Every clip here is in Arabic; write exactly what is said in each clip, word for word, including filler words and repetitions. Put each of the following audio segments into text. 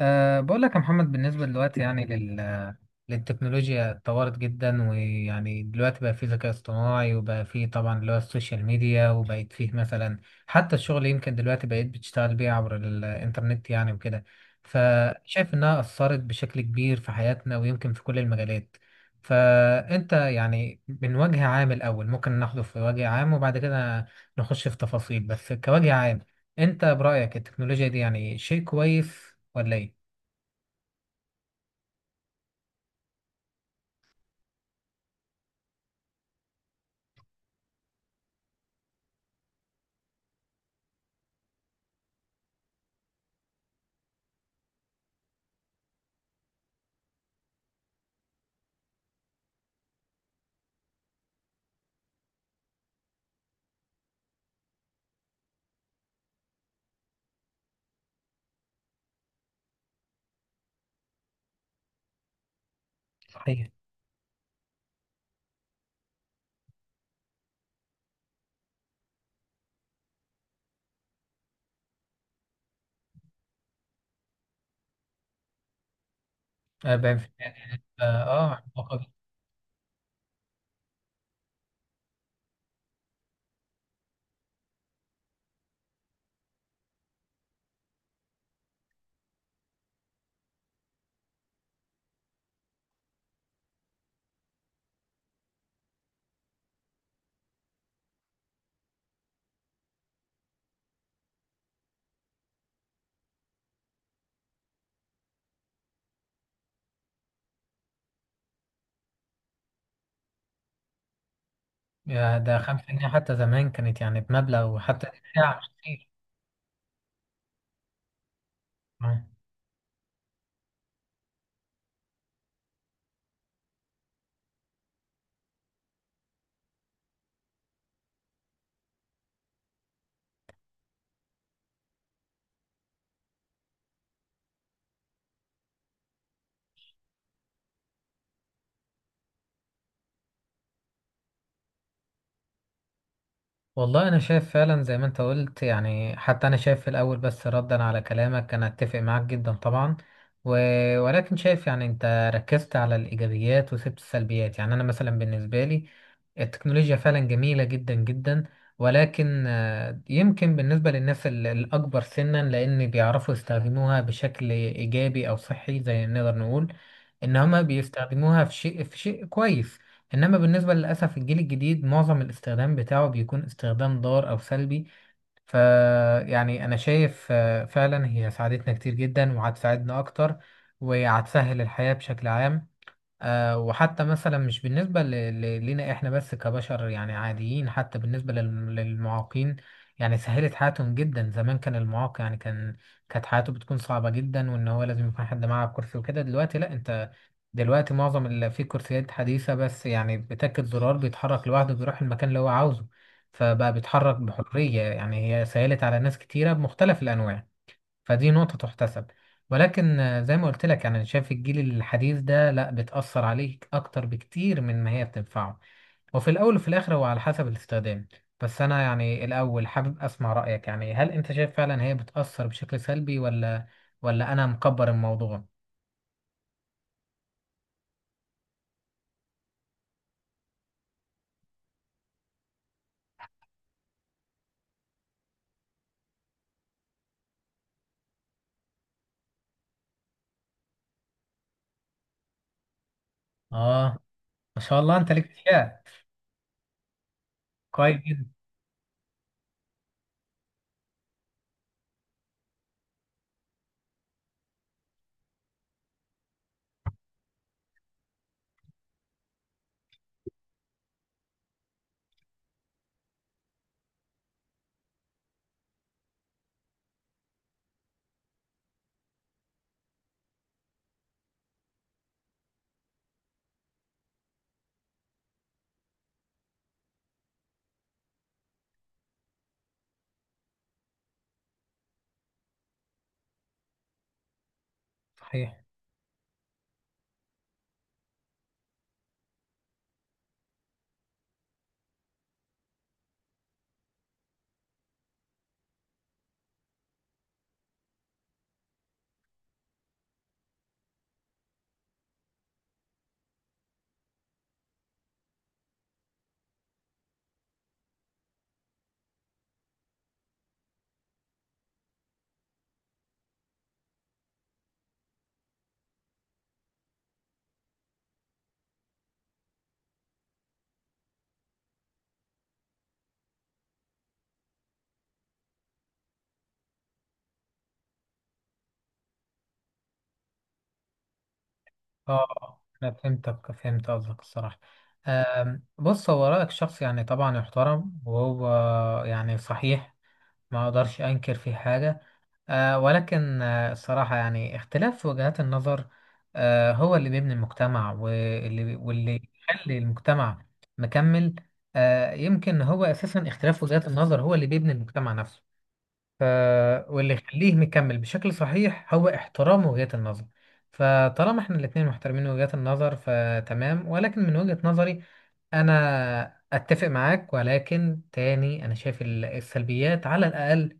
أه بقول لك يا محمد، بالنسبة دلوقتي يعني لل... للتكنولوجيا اتطورت جدا. ويعني دلوقتي بقى فيه ذكاء اصطناعي، وبقى فيه طبعا اللي هو السوشيال ميديا، وبقيت فيه مثلا حتى الشغل. يمكن دلوقتي بقيت بتشتغل بيه عبر الإنترنت يعني وكده. فشايف إنها أثرت بشكل كبير في حياتنا، ويمكن في كل المجالات. فأنت يعني من وجه عام الأول ممكن ناخده في وجه عام، وبعد كده نخش في تفاصيل، بس كوجه عام أنت برأيك التكنولوجيا دي يعني شيء كويس ولا إيه؟ صحيح. آه، ب- اه آه، عملاقة جداً. يا ده خمسة جنيه حتى زمان كانت يعني بمبلغ، وحتى ساعة مش كتير. آه. والله انا شايف فعلا زي ما انت قلت. يعني حتى انا شايف في الاول، بس ردا على كلامك، انا اتفق معاك جدا طبعا. و... ولكن شايف يعني انت ركزت على الايجابيات وسبت السلبيات. يعني انا مثلا بالنسبه لي التكنولوجيا فعلا جميله جدا جدا، ولكن آه، يمكن بالنسبه للناس ال- الاكبر سنا، لان بيعرفوا يستخدموها بشكل ايجابي او صحي، زي ما نقدر نقول ان هما بيستخدموها في شيء في شيء كويس. انما بالنسبه للاسف الجيل الجديد معظم الاستخدام بتاعه بيكون استخدام ضار او سلبي. ف يعني انا شايف آه، فعلا هي ساعدتنا كتير جدا وهتساعدنا اكتر، وهتسهل الحياه بشكل عام. آه، وحتى مثلا مش بالنسبة ل- ل- لنا احنا بس كبشر يعني عاديين، حتى بالنسبة لل- للمعاقين. يعني سهلت حياتهم جدا. زمان كان المعاق يعني كان كانت حياته بتكون صعبة جدا، وان هو لازم يكون حد معاه كرسي وكده. دلوقتي لا، انت دلوقتي معظم اللي في كرسيات حديثة، بس يعني بتاكد زرار بيتحرك لوحده، بيروح المكان اللي هو عاوزه. فبقى بيتحرك بحرية. يعني هي سهلت على ناس كتيرة بمختلف الأنواع. فدي نقطة تحتسب. ولكن آه، زي ما قلت لك، يعني أنا شايف الجيل الحديث ده لا بتأثر عليك أكتر بكتير من ما هي بتنفعه. وفي الأول وفي الآخر هو على حسب الاستخدام. بس أنا يعني الأول حابب أسمع رأيك. يعني هل أنت شايف فعلا هي بتأثر بشكل سلبي ولا ولا أنا مكبر الموضوع؟ آه، ما شاء الله أنت ليك فيها. كويس جدا. صحيح. آه، أنا فهمتك، فهمت قصدك الصراحة. آم، بص، هو رأيك شخص يعني طبعا يحترم، وهو يعني صحيح. ما اقدرش انكر في حاجه. آه، ولكن آه الصراحه يعني اختلاف في وجهات النظر، آه هو اللي بيبني المجتمع، واللي واللي يخلي المجتمع مكمل. آه، يمكن هو اساسا اختلاف وجهات النظر هو اللي بيبني المجتمع نفسه. ف واللي يخليه مكمل بشكل صحيح هو احترام وجهات النظر. فطالما احنا الاتنين محترمين وجهات النظر فتمام، ولكن من وجهة نظري انا اتفق معاك، ولكن تاني انا شايف ال- السلبيات على الاقل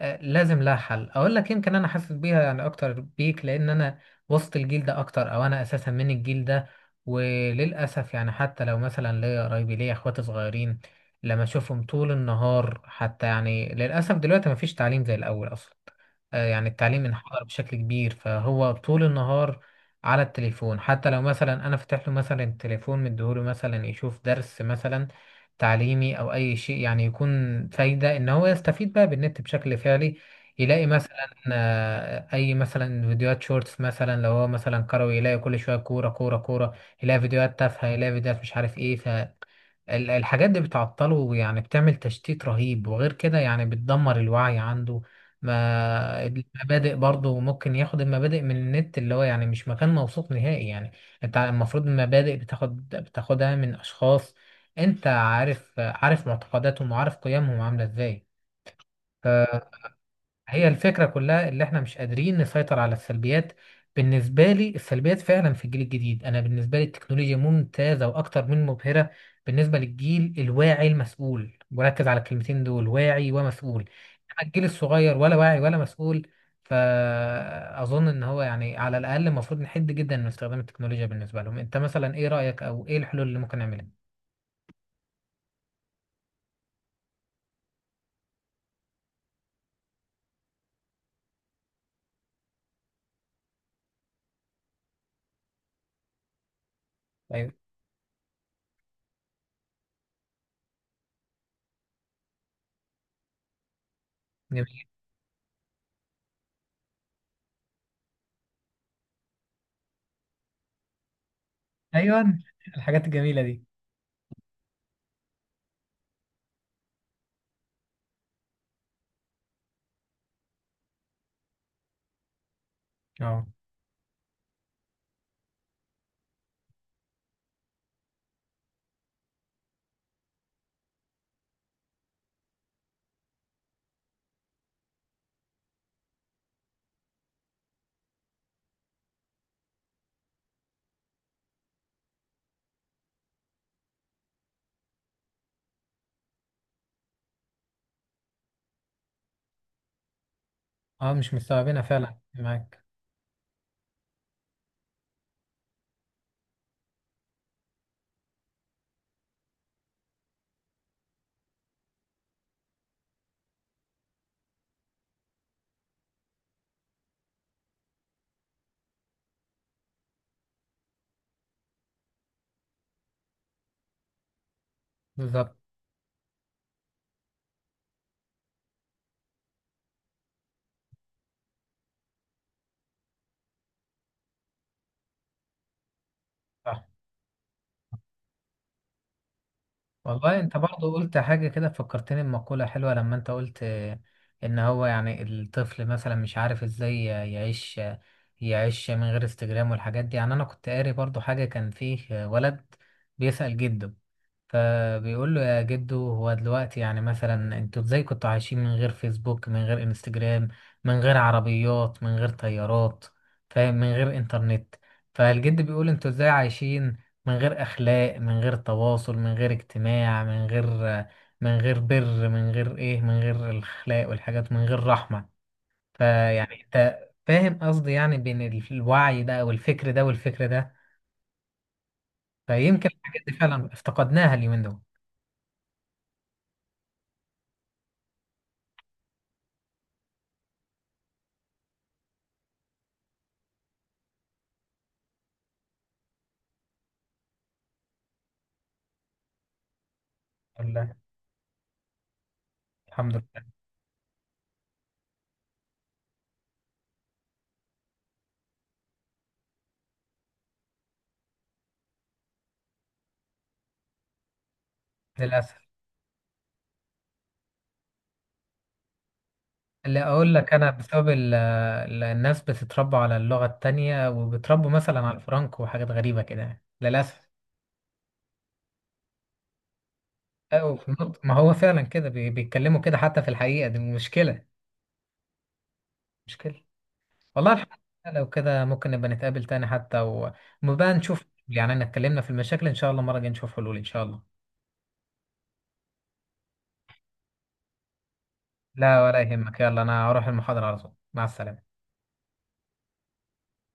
آه، لازم لها حل. اقول لك يمكن انا حاسس بيها يعني اكتر بيك، لان انا وسط الجيل ده اكتر، او انا اساسا من الجيل ده. وللاسف يعني حتى لو مثلا ليا قرايبي، ليا اخواتي صغيرين، لما اشوفهم طول النهار. حتى يعني للاسف دلوقتي مفيش تعليم زي الاول اصلا. آه، يعني التعليم انحدر بشكل كبير، فهو طول النهار على التليفون. حتى لو مثلا انا فتح له مثلا التليفون مديهوله مثلا يشوف درس مثلا تعليمي او اي شيء يعني يكون فايده ان هو يستفيد بقى بالنت بشكل فعلي، يلاقي مثلا آه، اي مثلا فيديوهات شورتس. مثلا لو هو مثلا كروي يلاقي كل شويه كوره كوره كوره. يلاقي فيديوهات تافهه، يلاقي فيديوهات مش عارف ايه. ال- الحاجات دي بتعطله، يعني بتعمل تشتيت رهيب، وغير كده يعني بتدمر الوعي عنده. ما المبادئ برضه ممكن ياخد المبادئ من النت اللي هو يعني مش مكان موثوق نهائي يعني. انت المفروض المبادئ بتاخد بتاخدها من اشخاص انت عارف عارف معتقداتهم وعارف قيمهم عاملة ازاي. هي الفكرة كلها اللي احنا مش قادرين نسيطر على السلبيات. بالنسبة لي السلبيات فعلا في الجيل الجديد. انا بالنسبة لي التكنولوجيا ممتازة واكتر من مبهرة بالنسبة للجيل الواعي المسؤول، وركز على الكلمتين دول: واعي ومسؤول. اما الجيل الصغير ولا واعي ولا مسؤول. فأظن ان هو يعني على الاقل المفروض نحد جدا من استخدام التكنولوجيا بالنسبة لهم. انت مثلا ايه رأيك، او ايه الحلول اللي ممكن نعملها؟ ايوه. جميل. ايوه، الحاجات الجميلة دي. اه. اه، مش مستوعبينها فعلا معاك. بالظبط. صح. والله انت برضو قلت حاجة كده فكرتني بمقولة حلوة. لما انت قلت آه، ان هو يعني الطفل مثلا مش عارف ازاي يعيش يعيش من غير انستجرام والحاجات دي. يعني انا كنت قاري برضو حاجة، كان فيه ولد بيسأل جده، فبيقول له: يا جدو، هو دلوقتي يعني مثلا انتوا ازاي كنتوا عايشين من غير فيسبوك، من غير انستجرام، من غير عربيات، من غير طيارات، فاهم، من غير انترنت؟ فالجد بيقول: انتوا ازاي عايشين من غير اخلاق، من غير تواصل، من غير اجتماع، من غير من غير بر، من غير ايه، من غير الاخلاق والحاجات، من غير رحمة. فيعني انت فاهم قصدي، يعني بين الوعي ده او الفكر ده والفكر ده. فيمكن الحاجات دي فعلا افتقدناها اليومين دول. الحمد لله، الحمد لله. للأسف. اللي أقول لك أنا بسبب ال- ال- الناس بتتربى على اللغة التانية، وبتربوا مثلا على الفرنك وحاجات غريبة كده يعني للأسف. أو في النط، ما هو فعلا كده بي- بيتكلموا كده. حتى في الحقيقة دي مشكلة، مشكلة. والله الحمد لله لو كده. ممكن نبقى نتقابل تاني حتى، ونبقى نشوف. يعني أنا اتكلمنا في المشاكل، إن شاء الله المرة الجاية نشوف حلول إن شاء الله. لا ولا يهمك، يلا أنا هروح المحاضرة على طول. مع السلامة.